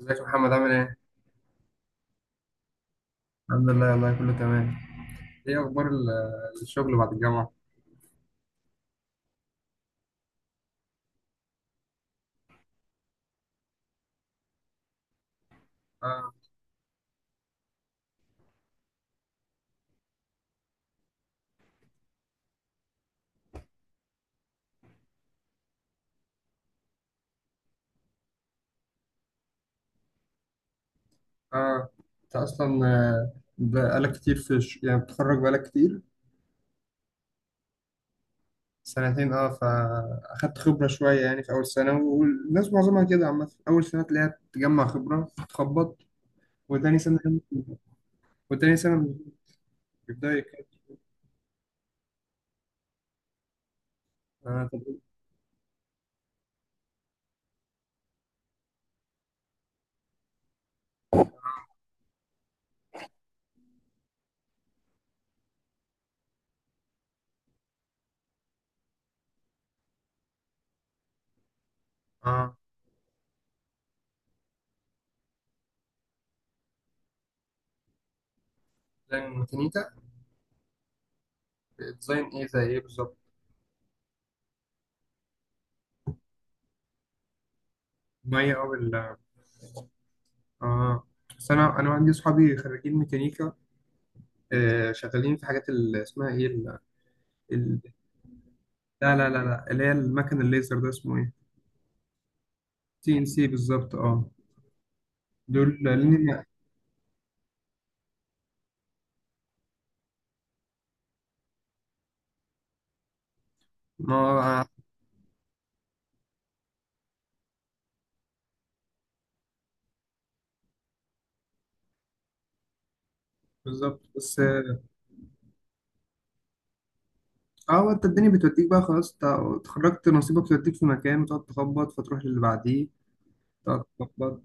ازيك يا محمد عامل ايه؟ الحمد لله، والله كله تمام. ايه اخبار الشغل بعد الجامعة؟ اه. اه، انت اصلا بقالك كتير في يعني بتخرج بقالك كتير. سنتين، اه، فاخدت خبرة شوية يعني في اول سنة، والناس معظمها كده عامة اول سنة تلاقيها تجمع خبرة، تخبط وتاني سنة. وتاني سنة بيبدأوا يك- اه، طب إيه؟ اه. ديزاين ميكانيكا. ديزاين ايه زي ايه بالظبط؟ مية او ال اه. آه. بس انا عندي صحابي خريجين ميكانيكا، شغالين في حاجات اللي اسمها ايه ال... لا اللي هي المكن الليزر ده اسمه ايه. تي ان سي بالظبط، اه. دول لان ما بالظبط، بس اه. هو انت الدنيا بتوديك بقى، خلاص انت اتخرجت نصيبك توديك في مكان وتقعد تخبط، فتروح للي بعديه تقعد تخبط.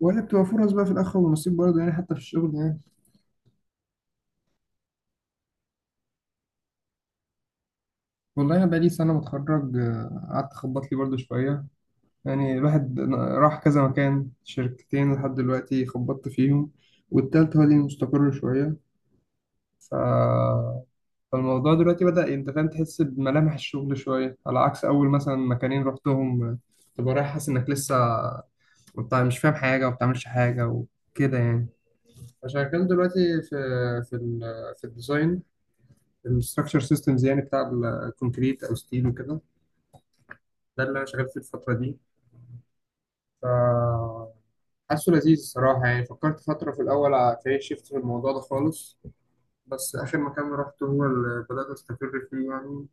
ولا بتبقى فرص بقى في الاخر ونصيب برضه، يعني حتى في الشغل يعني. والله انا بقالي سنه متخرج، قعدت اخبط لي برضه شويه. يعني الواحد راح كذا مكان، شركتين لحد دلوقتي خبطت فيهم، والتالت هو اللي مستقر شوية. ف... فالموضوع دلوقتي بدأ، انت فاهم، تحس بملامح الشغل شوية، على عكس أول مثلا مكانين رحتهم تبقى رايح حاسس إنك لسه انت مش فاهم حاجة وما بتعملش حاجة وكده يعني. فشغال دلوقتي في في ال... في الديزاين، الستراكشر سيستمز يعني، بتاع الكونكريت أو ستيل وكده. ده اللي أنا شغال فيه الفترة دي. ف حاسه لذيذ الصراحة، يعني فكرت فترة في الأول أكارير شيفت في الموضوع ده خالص. بس آخر مكان رحت هو اللي بدأت أستقر فيه يعني،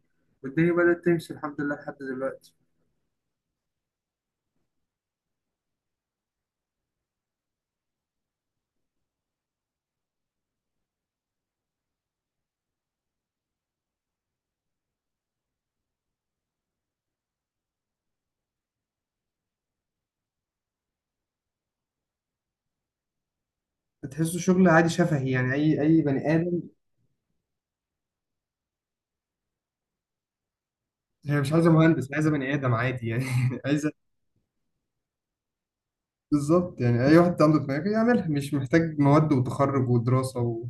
والدنيا بدأت تمشي الحمد لله لحد دلوقتي. بتحسه شغل عادي شفهي يعني، اي بني ادم. هي مش عايزه مهندس، عايزه بني ادم عادي يعني عايزه. بالظبط، يعني اي واحد عنده دماغ يعملها، مش محتاج مواد وتخرج ودراسه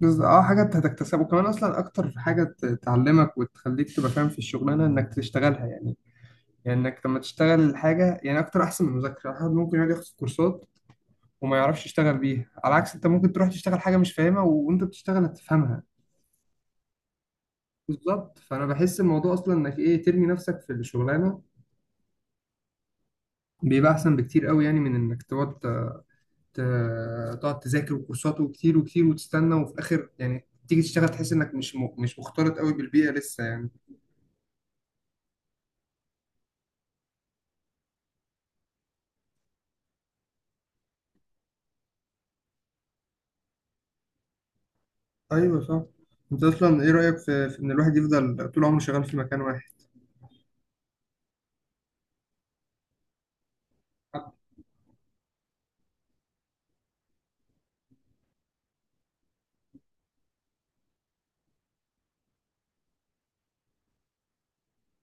اه، حاجات هتكتسبها، وكمان اصلا اكتر حاجه تعلمك وتخليك تبقى فاهم في الشغلانه انك تشتغلها يعني. يعني انك لما تشتغل الحاجه يعني اكتر احسن من المذاكره، الواحد ممكن يقعد ياخد كورسات وما يعرفش يشتغل بيها، على عكس انت ممكن تروح تشتغل حاجه مش فاهمها، وانت بتشتغل هتفهمها. بالظبط، فانا بحس الموضوع اصلا انك ايه، ترمي نفسك في الشغلانه بيبقى احسن بكتير قوي، يعني من انك تقعد تقعد تذاكر وكورسات وكتير وكتير وتستنى، وفي الاخر يعني تيجي تشتغل تحس انك مش مختلط قوي بالبيئه لسه يعني. ايوه صح. انت اصلا ايه رايك في, في ان الواحد يفضل طول عمره شغال في مكان واحد؟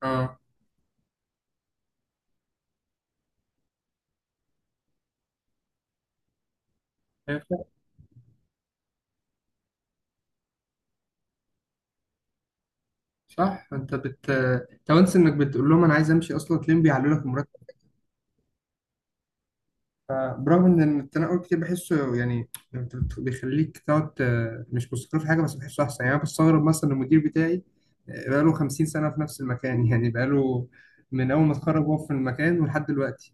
اه. هي فعلا. صح. انت بت طب انس انك بتقول لهم انا عايز امشي، اصلا تلاقيهم بيعلوا لك. برغم ان التنقل كتير بحسه يعني بيخليك تقعد مش مستقر في حاجه، بس بحسه احسن يعني. انا بستغرب مثلا المدير بتاعي، بقاله 50 سنه في نفس المكان، يعني بقاله من اول ما اتخرج وهو في المكان ولحد دلوقتي.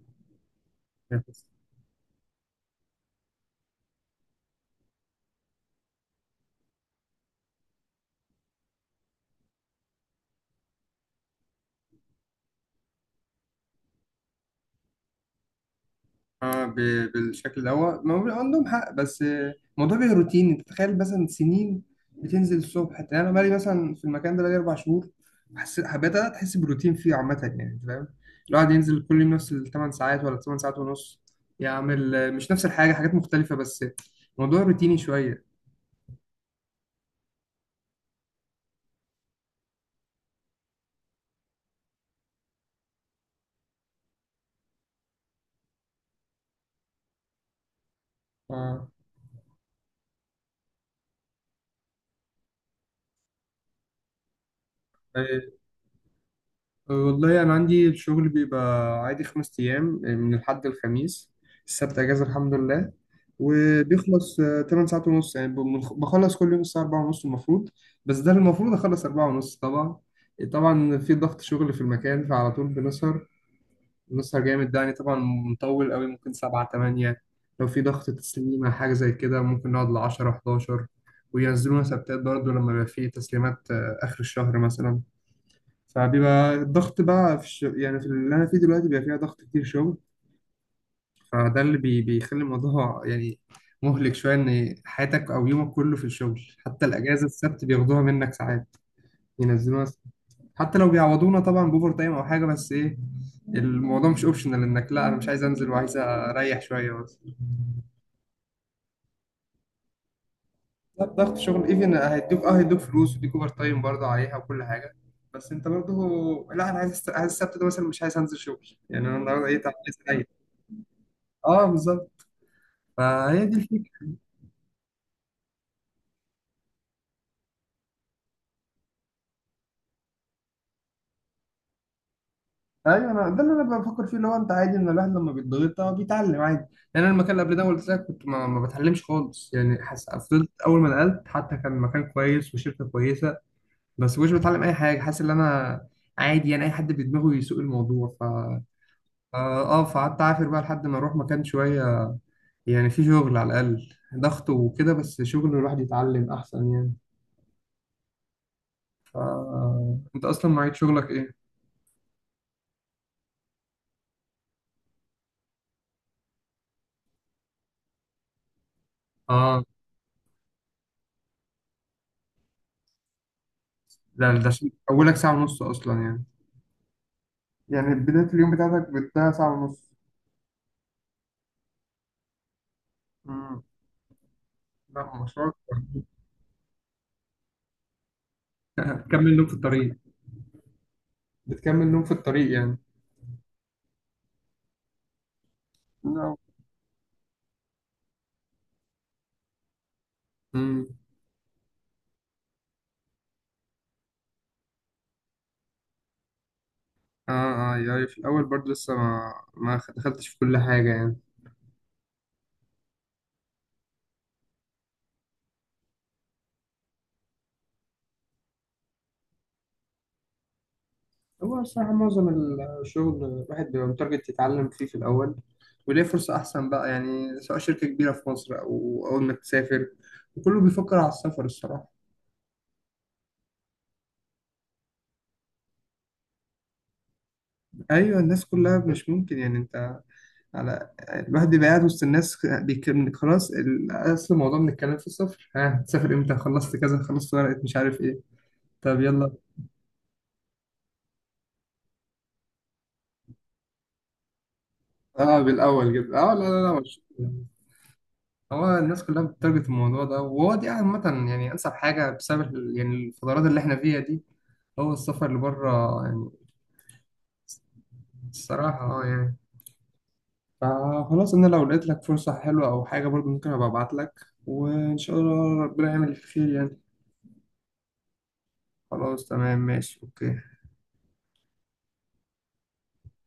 اه، بالشكل ده هو ما هو عندهم حق، بس الموضوع بيبقى روتين، انت تخيل مثلا سنين بتنزل الصبح. يعني انا بقالي مثلا في المكان ده بقالي اربع شهور، حسيت حبيت انا تحس بروتين فيه عامه يعني، انت فاهم، الواحد ينزل كل يوم نفس الثمان ساعات ولا الثمان ساعات ونص، يعمل مش نفس الحاجه، حاجات مختلفه، بس الموضوع روتيني شويه. اه. والله أنا عندي الشغل بيبقى عادي خمس أيام، من الحد الخميس، السبت أجازة الحمد لله. وبيخلص تمن ساعات ونص، يعني بخلص كل يوم الساعة أربعة ونص المفروض. بس ده المفروض أخلص أربعة ونص، طبعا طبعا في ضغط شغل في المكان، فعلى طول بنسهر. بنسهر جامد ده يعني، طبعا مطول قوي ممكن سبعة تمانية، لو في ضغط تسليمة حاجة زي كده ممكن نقعد لعشرة حداشر. وينزلونا سبتات برضه لما بيبقى في تسليمات آخر الشهر مثلا. فبيبقى الضغط بقى في يعني في اللي انا فيه دلوقتي بيبقى فيها ضغط كتير شغل. فده بيخلي الموضوع يعني مهلك شويه، ان حياتك او يومك كله في الشغل، حتى الاجازه السبت بياخدوها منك ساعات، ينزلوها س- حتى لو بيعوضونا طبعا باوفر تايم او حاجه، بس ايه، الموضوع مش اوبشنال انك لا انا مش عايز انزل وعايز اريح شويه، بس لا ضغط شغل ايفن هيدوك فلوس وديك اوفر تايم برضه عليها وكل حاجه، بس انت برضه لا انا عايز، عايز السبت ده مثلا مش عايز انزل شغل، يعني انا النهارده ايه، تعب، عايز اريح. اه بالظبط. فهي دي الفكره. ايوه انا ده اللي انا بفكر فيه، اللي هو انت عادي ان الواحد لما بيتضغط بيتعلم عادي. يعني انا المكان اللي قبل ده قلت لك كنت ما بتعلمش خالص يعني فضلت اول ما نقلت، حتى كان مكان كويس وشركه كويسه، بس مش بتعلم اي حاجه، حاسس ان انا عادي يعني اي حد بدماغه يسوق الموضوع، ف اه، فقعدت اعافر بقى لحد ما اروح مكان شويه، يعني في شغل على الاقل، ضغط وكده بس شغل الواحد يتعلم احسن يعني. ف انت اصلا معيد شغلك ايه؟ اه، ده اولك ساعه ونص اصلا يعني. يعني بداية اليوم بتاعتك بتضيع ساعة ونص. امم لا مشوار. بتكمل نوم في الطريق. بتكمل نوم في الطريق يعني. لا. امم اه. اه يعني في الأول برضه لسه ما دخلتش في كل حاجة يعني. هو الصراحة معظم الشغل الواحد بيبقى متارجت يتعلم فيه في الأول، وليه فرصة أحسن بقى، يعني سواء شركة كبيرة في مصر أو أول ما تسافر، وكله بيفكر على السفر الصراحة. أيوة، الناس كلها مش ممكن يعني أنت على، الواحد بيبقى قاعد وسط الناس بيكلم، خلاص اصل الموضوع من الكلام في السفر، ها تسافر امتى، خلصت كذا، خلصت ورقة، مش عارف ايه، طب يلا. اه بالاول كده اه، لا مش. هو الناس كلها بتتارجت الموضوع ده، وهو دي عامة يعني انسب حاجة بسبب يعني الفترات اللي احنا فيها دي هو السفر اللي بره يعني. الصراحة اه يعني. فخلاص انا لو لقيت لك فرصة حلوة او حاجة برضو ممكن ابقى ابعت لك، وان شاء الله ربنا يعمل الخير يعني. خلاص تمام ماشي اوكي.